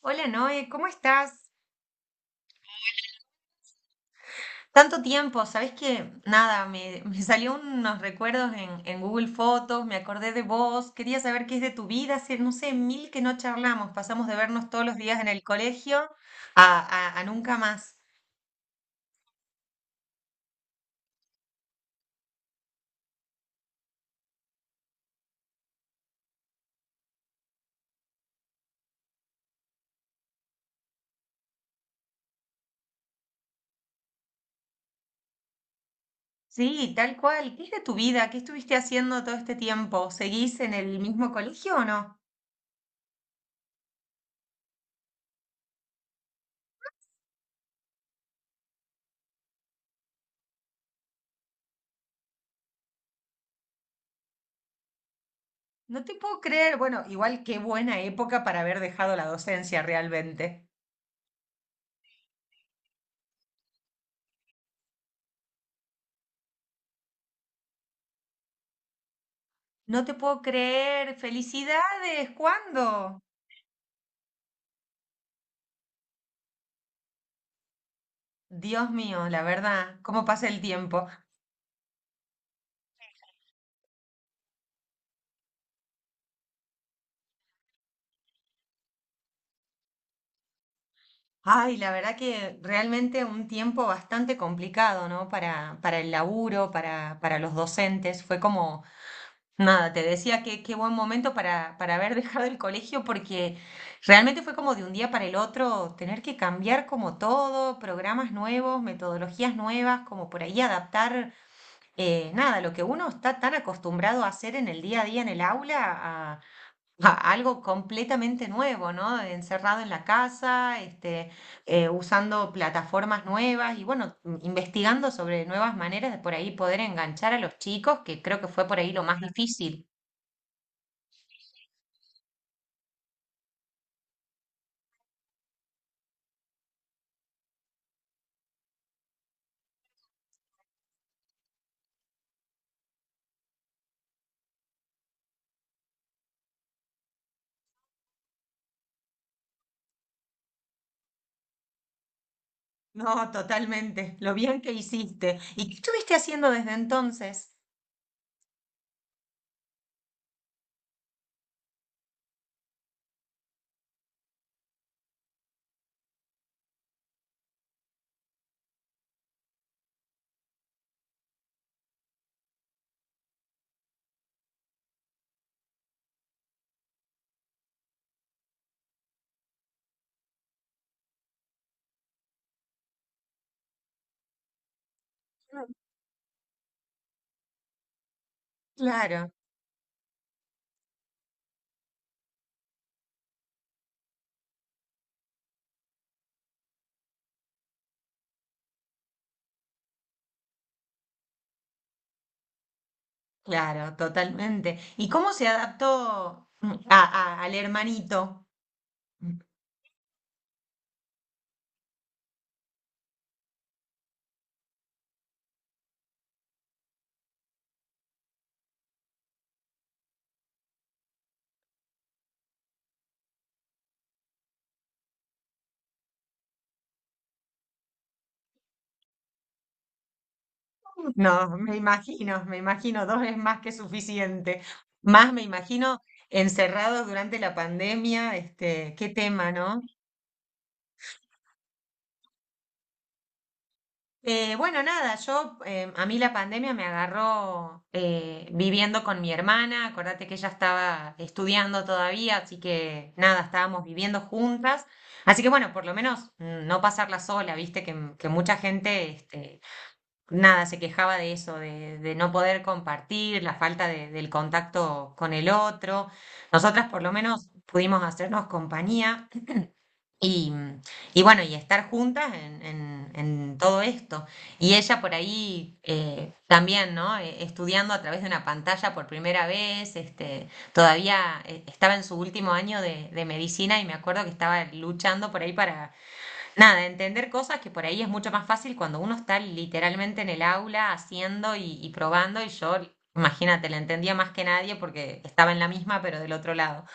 Hola Noé, ¿cómo estás? Tanto tiempo, ¿sabés que Nada, me salió unos recuerdos en Google Fotos, me acordé de vos, quería saber qué es de tu vida, hace, no sé, mil que no charlamos, pasamos de vernos todos los días en el colegio a, a nunca más. Sí, tal cual, ¿qué es de tu vida? ¿Qué estuviste haciendo todo este tiempo? ¿Seguís en el mismo colegio o no? No te puedo creer, bueno, igual qué buena época para haber dejado la docencia realmente. No te puedo creer, felicidades, ¿cuándo? Dios mío, la verdad, cómo pasa el tiempo. Ay, la verdad que realmente un tiempo bastante complicado, ¿no? Para el laburo, para los docentes. Fue como, nada, te decía que qué buen momento para haber dejado el colegio porque realmente fue como de un día para el otro tener que cambiar como todo, programas nuevos, metodologías nuevas, como por ahí adaptar, nada, lo que uno está tan acostumbrado a hacer en el día a día en el aula algo completamente nuevo, ¿no? Encerrado en la casa, este, usando plataformas nuevas y bueno, investigando sobre nuevas maneras de por ahí poder enganchar a los chicos, que creo que fue por ahí lo más difícil. No, totalmente. Lo bien que hiciste. ¿Y qué estuviste haciendo desde entonces? Claro, claro, totalmente. ¿Y cómo se adaptó al hermanito? No, me imagino, dos es más que suficiente. Más me imagino encerrados durante la pandemia, este, qué tema, ¿no? Bueno, nada, yo, a mí la pandemia me agarró viviendo con mi hermana, acordate que ella estaba estudiando todavía, así que nada, estábamos viviendo juntas. Así que bueno, por lo menos no pasarla sola, viste que, que mucha gente, este, nada, se quejaba de eso, de no poder compartir, la falta del contacto con el otro. Nosotras por lo menos pudimos hacernos compañía y, y bueno, y estar juntas en todo esto. Y ella por ahí también, ¿no? Estudiando a través de una pantalla por primera vez, este, todavía estaba en su último año de medicina y me acuerdo que estaba luchando por ahí para nada, entender cosas que por ahí es mucho más fácil cuando uno está literalmente en el aula haciendo y probando y yo, imagínate, la entendía más que nadie porque estaba en la misma pero del otro lado.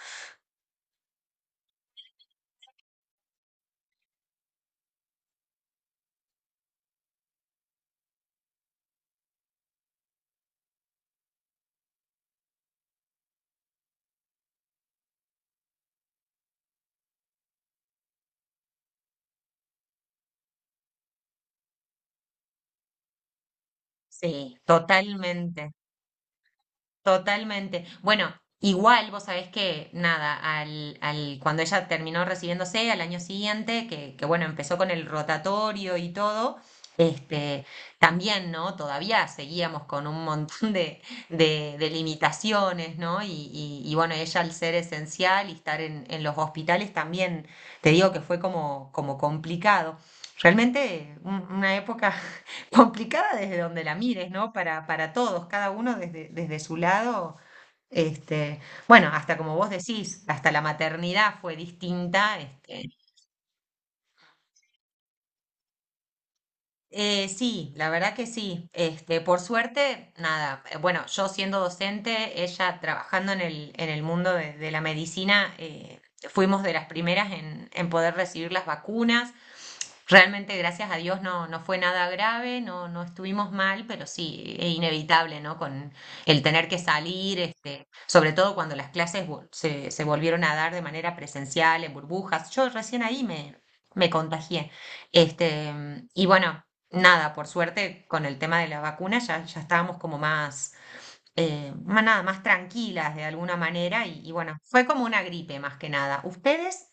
Sí. Totalmente. Totalmente. Bueno, igual vos sabés que, nada, al, cuando ella terminó recibiéndose al año siguiente, que bueno, empezó con el rotatorio y todo, este, también, ¿no? Todavía seguíamos con un montón de limitaciones, ¿no? Y, bueno, ella al ser esencial y estar en los hospitales también, te digo que fue como complicado. Realmente una época complicada desde donde la mires, ¿no? Para todos, cada uno desde su lado. Este, bueno, hasta como vos decís, hasta la maternidad fue distinta, este. Sí, la verdad que sí. Este, por suerte, nada. Bueno, yo siendo docente, ella trabajando en el mundo de la medicina, fuimos de las primeras en poder recibir las vacunas. Realmente, gracias a Dios, no, no fue nada grave, no, no estuvimos mal, pero sí, es inevitable, ¿no? Con el tener que salir, este, sobre todo cuando las clases se volvieron a dar de manera presencial, en burbujas. Yo recién ahí me contagié. Este, y bueno nada, por suerte, con el tema de la vacuna ya estábamos como más, más nada, más tranquilas de alguna manera y bueno, fue como una gripe más que nada. ¿Ustedes?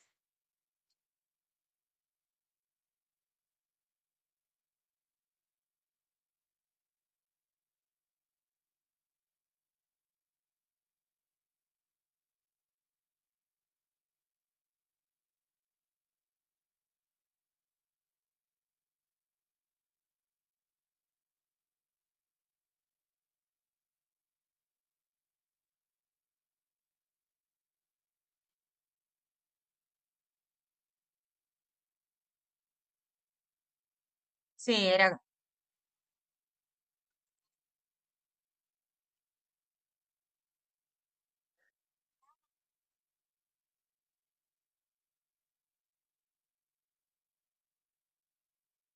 Sí, era,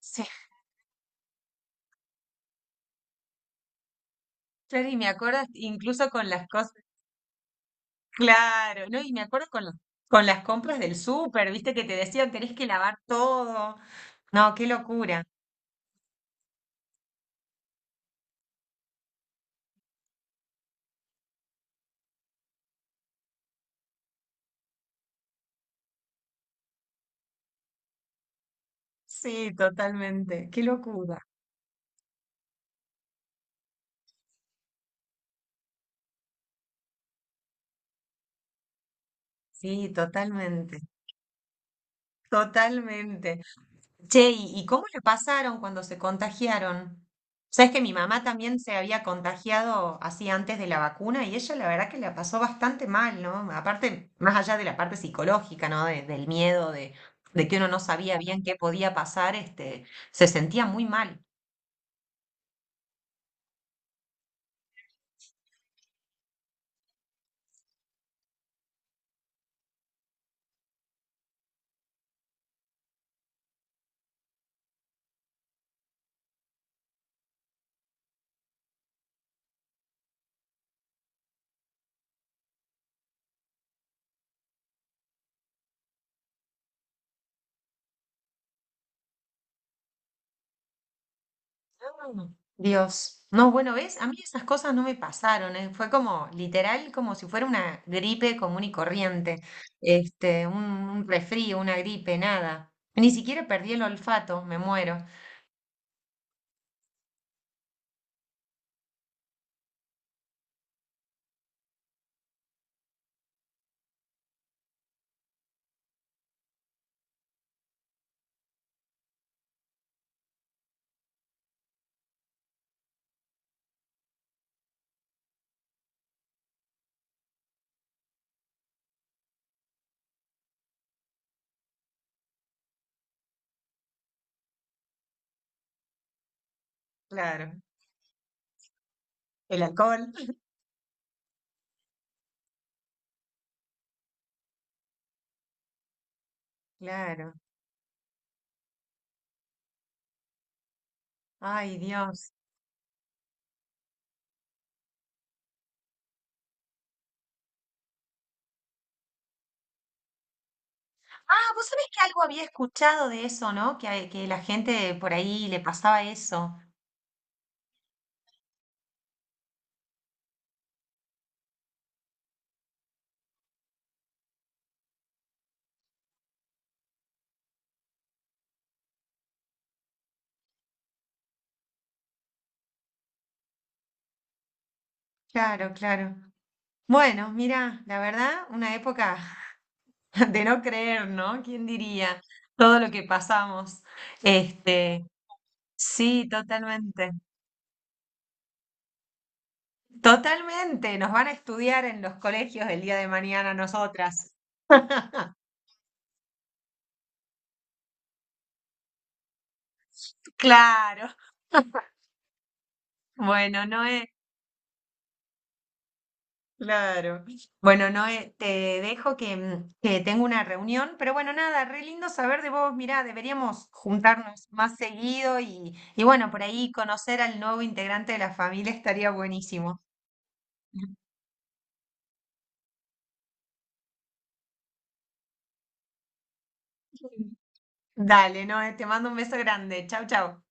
sí, claro, y me acuerdo incluso con las cosas, claro, ¿no? Y me acuerdo con las, compras del súper, viste que te decían tenés que lavar todo. No, qué locura. Sí, totalmente, qué locura. Sí, totalmente, totalmente. Che, ¿y cómo la pasaron cuando se contagiaron? Sabes que mi mamá también se había contagiado así antes de la vacuna y ella la verdad que la pasó bastante mal, ¿no? Aparte, más allá de la parte psicológica, ¿no? Del miedo, de que uno no sabía bien qué podía pasar, este, se sentía muy mal. Mm. Dios. No, bueno, ¿ves? A mí esas cosas no me pasaron, ¿eh? Fue como literal, como si fuera una gripe común y corriente, este, un resfrío, una gripe, nada. Ni siquiera perdí el olfato, me muero. Claro, el alcohol. Claro. Ay, Dios. Ah, vos sabés que algo había escuchado de eso, ¿no? Que la gente por ahí le pasaba eso. Claro, claro. Bueno, mira, la verdad, una época de no creer, ¿no? ¿Quién diría todo lo que pasamos? Este, sí, totalmente. Totalmente. Nos van a estudiar en los colegios el día de mañana nosotras. Claro. Bueno, Noé, claro. Bueno, Noé, te dejo que, que tengo una reunión, pero bueno, nada, re lindo saber de vos. Mirá, deberíamos juntarnos más seguido y bueno, por ahí conocer al nuevo integrante de la familia estaría buenísimo. Dale, no, te mando un beso grande. Chau, chau.